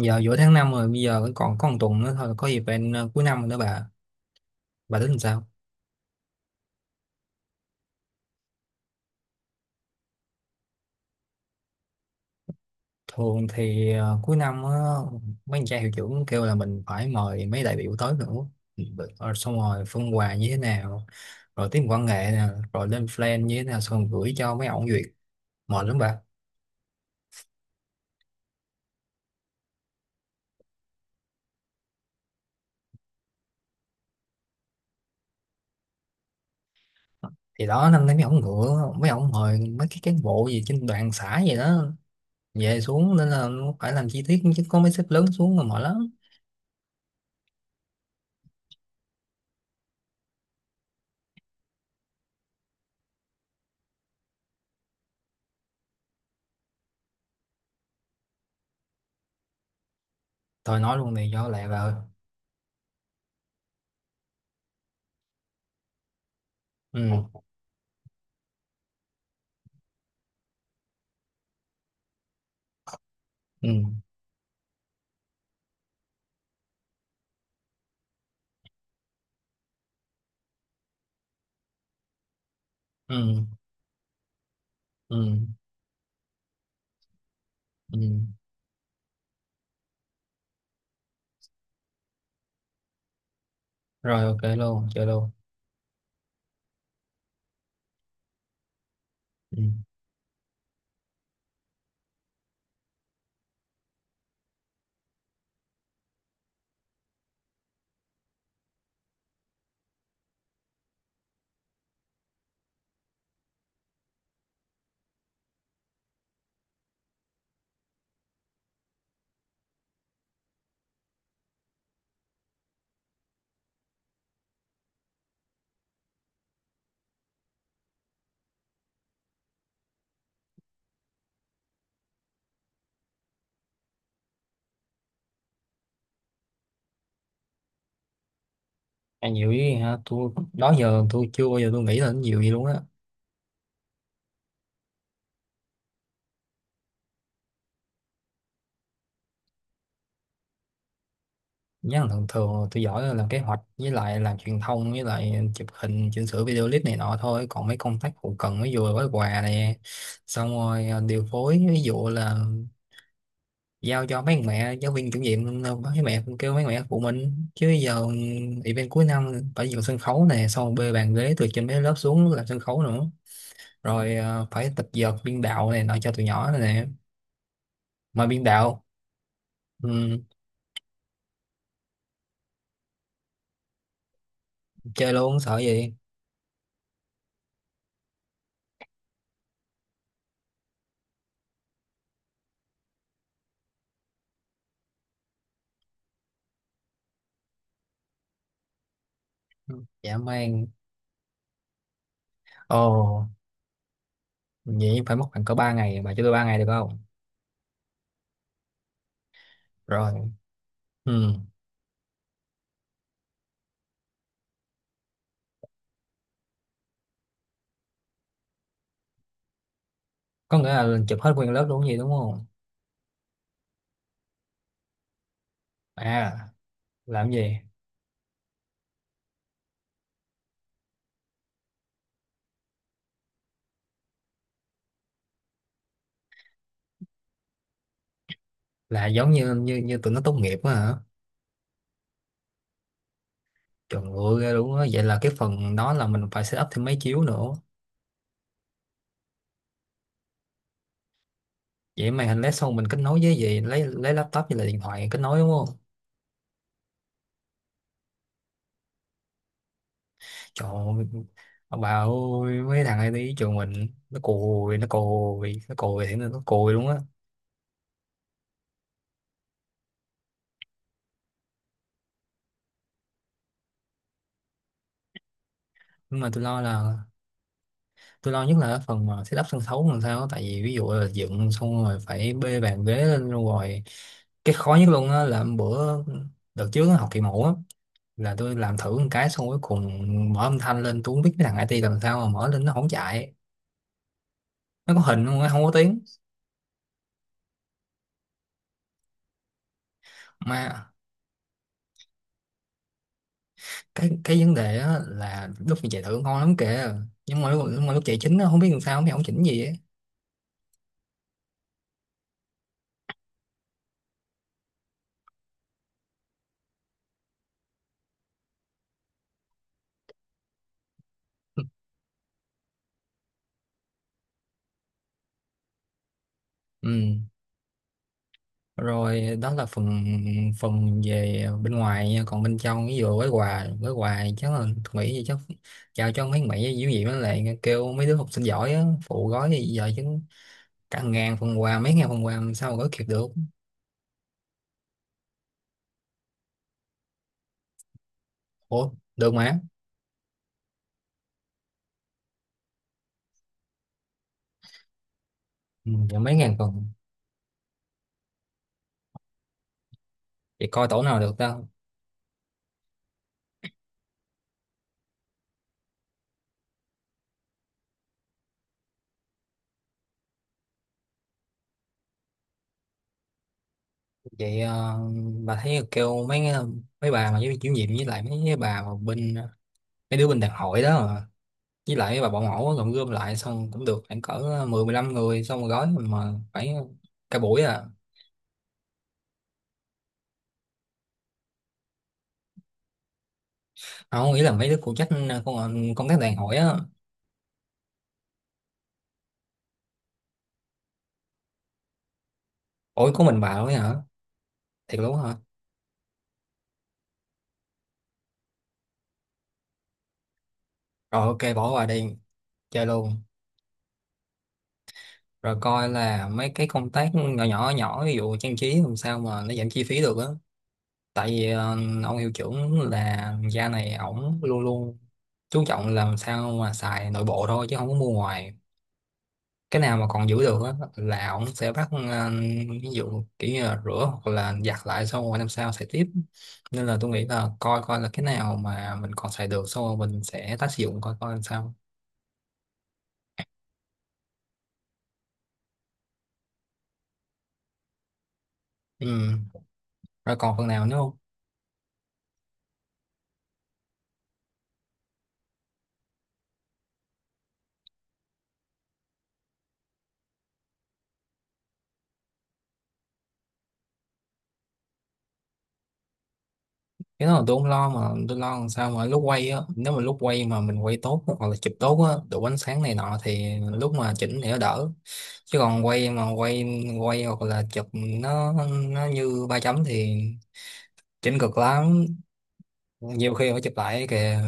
Giờ giữa tháng 5 rồi, bây giờ vẫn còn có một tuần nữa thôi là có dịp bạn, cuối năm nữa. Bà tính làm sao? Thường thì cuối năm á, mấy anh trai hiệu trưởng kêu là mình phải mời mấy đại biểu tới nữa, rồi xong rồi phân quà như thế nào, rồi tiết mục văn nghệ nè, rồi lên plan như thế nào, xong rồi gửi cho mấy ông duyệt. Mệt lắm bà. Thì đó, năm nay mấy ông ngựa, mấy ông mời mấy cái cán bộ gì trên đoàn xã gì đó về xuống, nên là nó phải làm chi tiết, chứ có mấy sếp lớn xuống là mệt lắm. Thôi nói luôn này do lẹ bà ơi. Ừ. Ừ. Ừ. Ừ, ừ. Rồi, ok luôn, chơi luôn. Ừ. Ăn nhiều ý ha, tôi đó giờ tôi chưa bao giờ tôi nghĩ đến nhiều vậy luôn á. Nhớ là thường thường tôi giỏi là làm kế hoạch, với lại làm truyền thông, với lại chụp hình chỉnh sửa video clip này nọ thôi, còn mấy công tác hậu cần ví dụ là gói quà này, xong rồi à, điều phối ví dụ là giao cho mấy mẹ giáo viên chủ nhiệm à, mấy mẹ kêu mấy mẹ phụ mình chứ giờ. Ừ, event cuối năm phải dựng sân khấu này, xong bê bàn ghế từ trên mấy lớp xuống làm sân khấu nữa, rồi phải tập dượt biên đạo này nọ cho tụi nhỏ này nè, mà biên đạo. Ừ, chơi luôn sợ gì. Ừ, dạ mang. Ồ, vậy phải mất khoảng cỡ 3 ngày, bà cho tôi 3 ngày được không? Rồi. Ừ. Có nghĩa là chụp hết nguyên lớp luôn gì đúng không? À, làm gì? Là giống như như như tụi nó tốt nghiệp á hả? Trời ơi, ghê luôn á, vậy là cái phần đó là mình phải set up thêm máy chiếu nữa. Vậy màn hình LED xong mình kết nối với gì, lấy laptop như là điện thoại kết nối đúng không? Trời ơi, ông bà ơi, mấy thằng này đi trường mình, nó cùi, nó cùi, nó cùi thì nó cùi luôn á. Nhưng mà tôi lo là, tôi lo nhất là cái phần mà setup sân khấu làm sao á. Tại vì ví dụ là dựng xong rồi phải bê bàn ghế lên luôn rồi. Cái khó nhất luôn á là hôm bữa, đợt trước á, học kỳ mẫu á, là tôi làm thử một cái, xong cuối cùng mở âm thanh lên tôi không biết cái thằng IT làm sao mà mở lên nó không chạy. Nó có hình không, nó không có tiếng. Mà cái vấn đề á là lúc mà chạy thử ngon lắm kìa, nhưng mà lúc chạy chính á không biết làm sao mày không chỉnh gì á. Ừ. Rồi đó là phần phần về bên ngoài nha, còn bên trong ví dụ gói quà, gói quà chắc là, tôi nghĩ gì chắc chào cho mấy mẹ dữ gì đó, lại kêu mấy đứa học sinh giỏi á phụ gói thì giờ chứ, cả ngàn phần quà, mấy ngàn phần quà làm sao mà gói kịp được. Ủa được mà. Ừ, giờ mấy ngàn phần thì coi tổ nào được ta. Vậy bà thấy kêu mấy mấy bà mà với chủ nhiệm, với lại mấy cái bà mà bên, mấy đứa bên đàn hội đó mà, với lại bà bảo mẫu á, gom gom lại xong cũng được khoảng cỡ 10-15 người, xong rồi gói mà phải cả buổi à. Mà không nghĩ là mấy đứa phụ trách công, công tác đàn hội á. Ủa có mình bà thôi hả? Thiệt luôn hả? Rồi ok, bỏ qua đi, chơi luôn. Rồi coi là mấy cái công tác nhỏ nhỏ nhỏ, ví dụ trang trí làm sao mà nó giảm chi phí được á. Tại vì ông hiệu trưởng là gia này, ổng luôn luôn chú trọng làm sao mà xài nội bộ thôi chứ không có mua ngoài. Cái nào mà còn giữ được á là ổng sẽ bắt, ví dụ kiểu như là rửa hoặc là giặt lại, xong rồi năm sau xài tiếp. Nên là tôi nghĩ là coi coi là cái nào mà mình còn xài được, xong rồi mình sẽ tái sử dụng, coi coi làm sao. Ừ. Rồi còn phần nào nữa không? Cái đó là tôi không lo, mà tôi lo làm sao mà lúc quay á, nếu mà lúc quay mà mình quay tốt hoặc là chụp tốt á, đủ ánh sáng này nọ, thì lúc mà chỉnh thì nó đỡ, chứ còn quay mà quay quay hoặc là chụp, nó nó như ba chấm thì chỉnh cực lắm. Nhiều khi phải chụp lại kìa.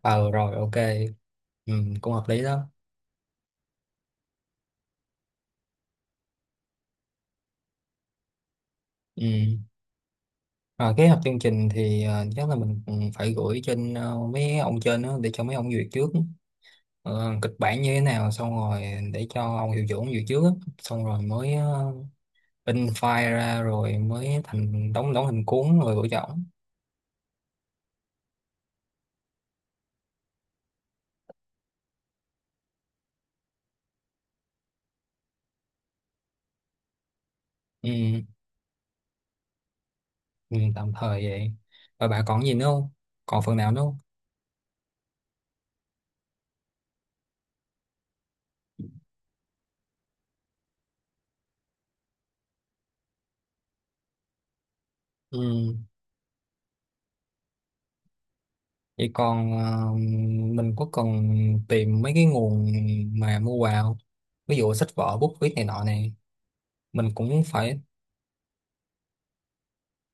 Ờ Rồi ok. Ừ, cũng hợp lý đó. Ừ. Rồi kế hoạch chương trình thì chắc là mình cũng phải gửi trên, mấy ông trên đó để cho mấy ông duyệt trước, kịch bản như thế nào, xong rồi để cho ông Hiệu Trưởng dự trước á. Xong rồi mới in file ra, rồi mới thành đóng đóng hình cuốn, rồi gửi cho ổng. Ừ. Ừ, tạm thời vậy. Và bà còn gì nữa không? Còn phần nào nữa không? Ừ. Vậy còn mình có cần tìm mấy cái nguồn mà mua quà không? Ví dụ sách vở bút viết này nọ này, mình cũng phải.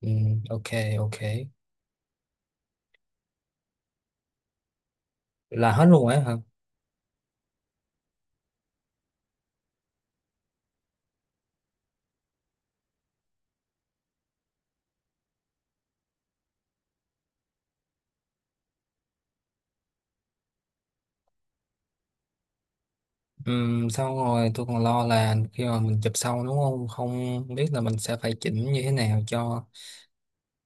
Ừ, ok. Ok, là hết luôn ấy hả? Xong rồi tôi còn lo là khi mà mình chụp sau đúng không, không biết là mình sẽ phải chỉnh như thế nào cho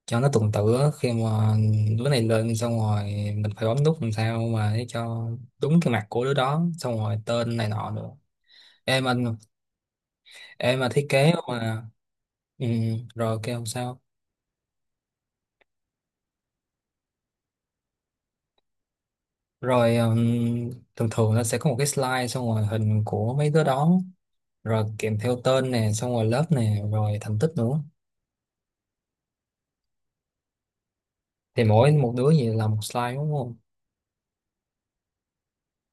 cho nó tuần tự á. Khi mà đứa này lên xong rồi, mình phải bấm nút làm sao mà để cho đúng cái mặt của đứa đó, xong rồi tên này nọ nữa. Em anh Em mà thiết kế mà. ừm, Rồi kêu không sao. Rồi thường thường nó sẽ có một cái slide, xong rồi hình của mấy đứa đó, rồi kèm theo tên nè, xong rồi lớp nè, rồi thành tích nữa. Thì mỗi một đứa gì là một slide đúng không?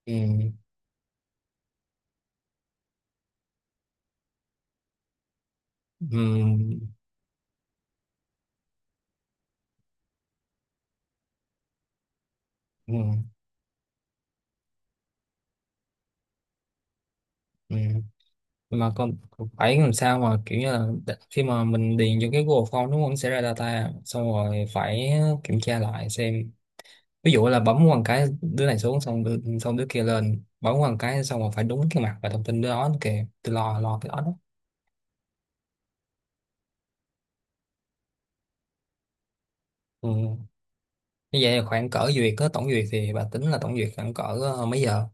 Ừ. Ừ, ừ, ừ. Mà con phải làm sao mà kiểu như là, khi mà mình điền vô cái Google Form đúng không, nó sẽ ra data, xong rồi phải kiểm tra lại xem, ví dụ là bấm một cái đứa này xuống, xong đứa kia lên, bấm một cái xong rồi phải đúng cái mặt và thông tin đứa đó kìa, tôi lo lo cái đó đó. Ừ. Như vậy là khoảng cỡ duyệt á, tổng duyệt thì bà tính là tổng duyệt khoảng cỡ mấy giờ?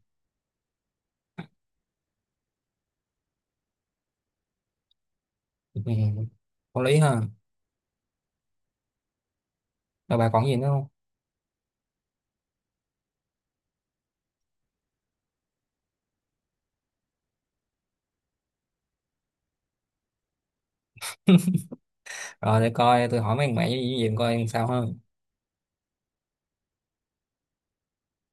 Ừ. Có lý ha. Rồi bà còn gì nữa không? Rồi để coi tôi hỏi mấy thằng mẹ với gì coi làm sao ha.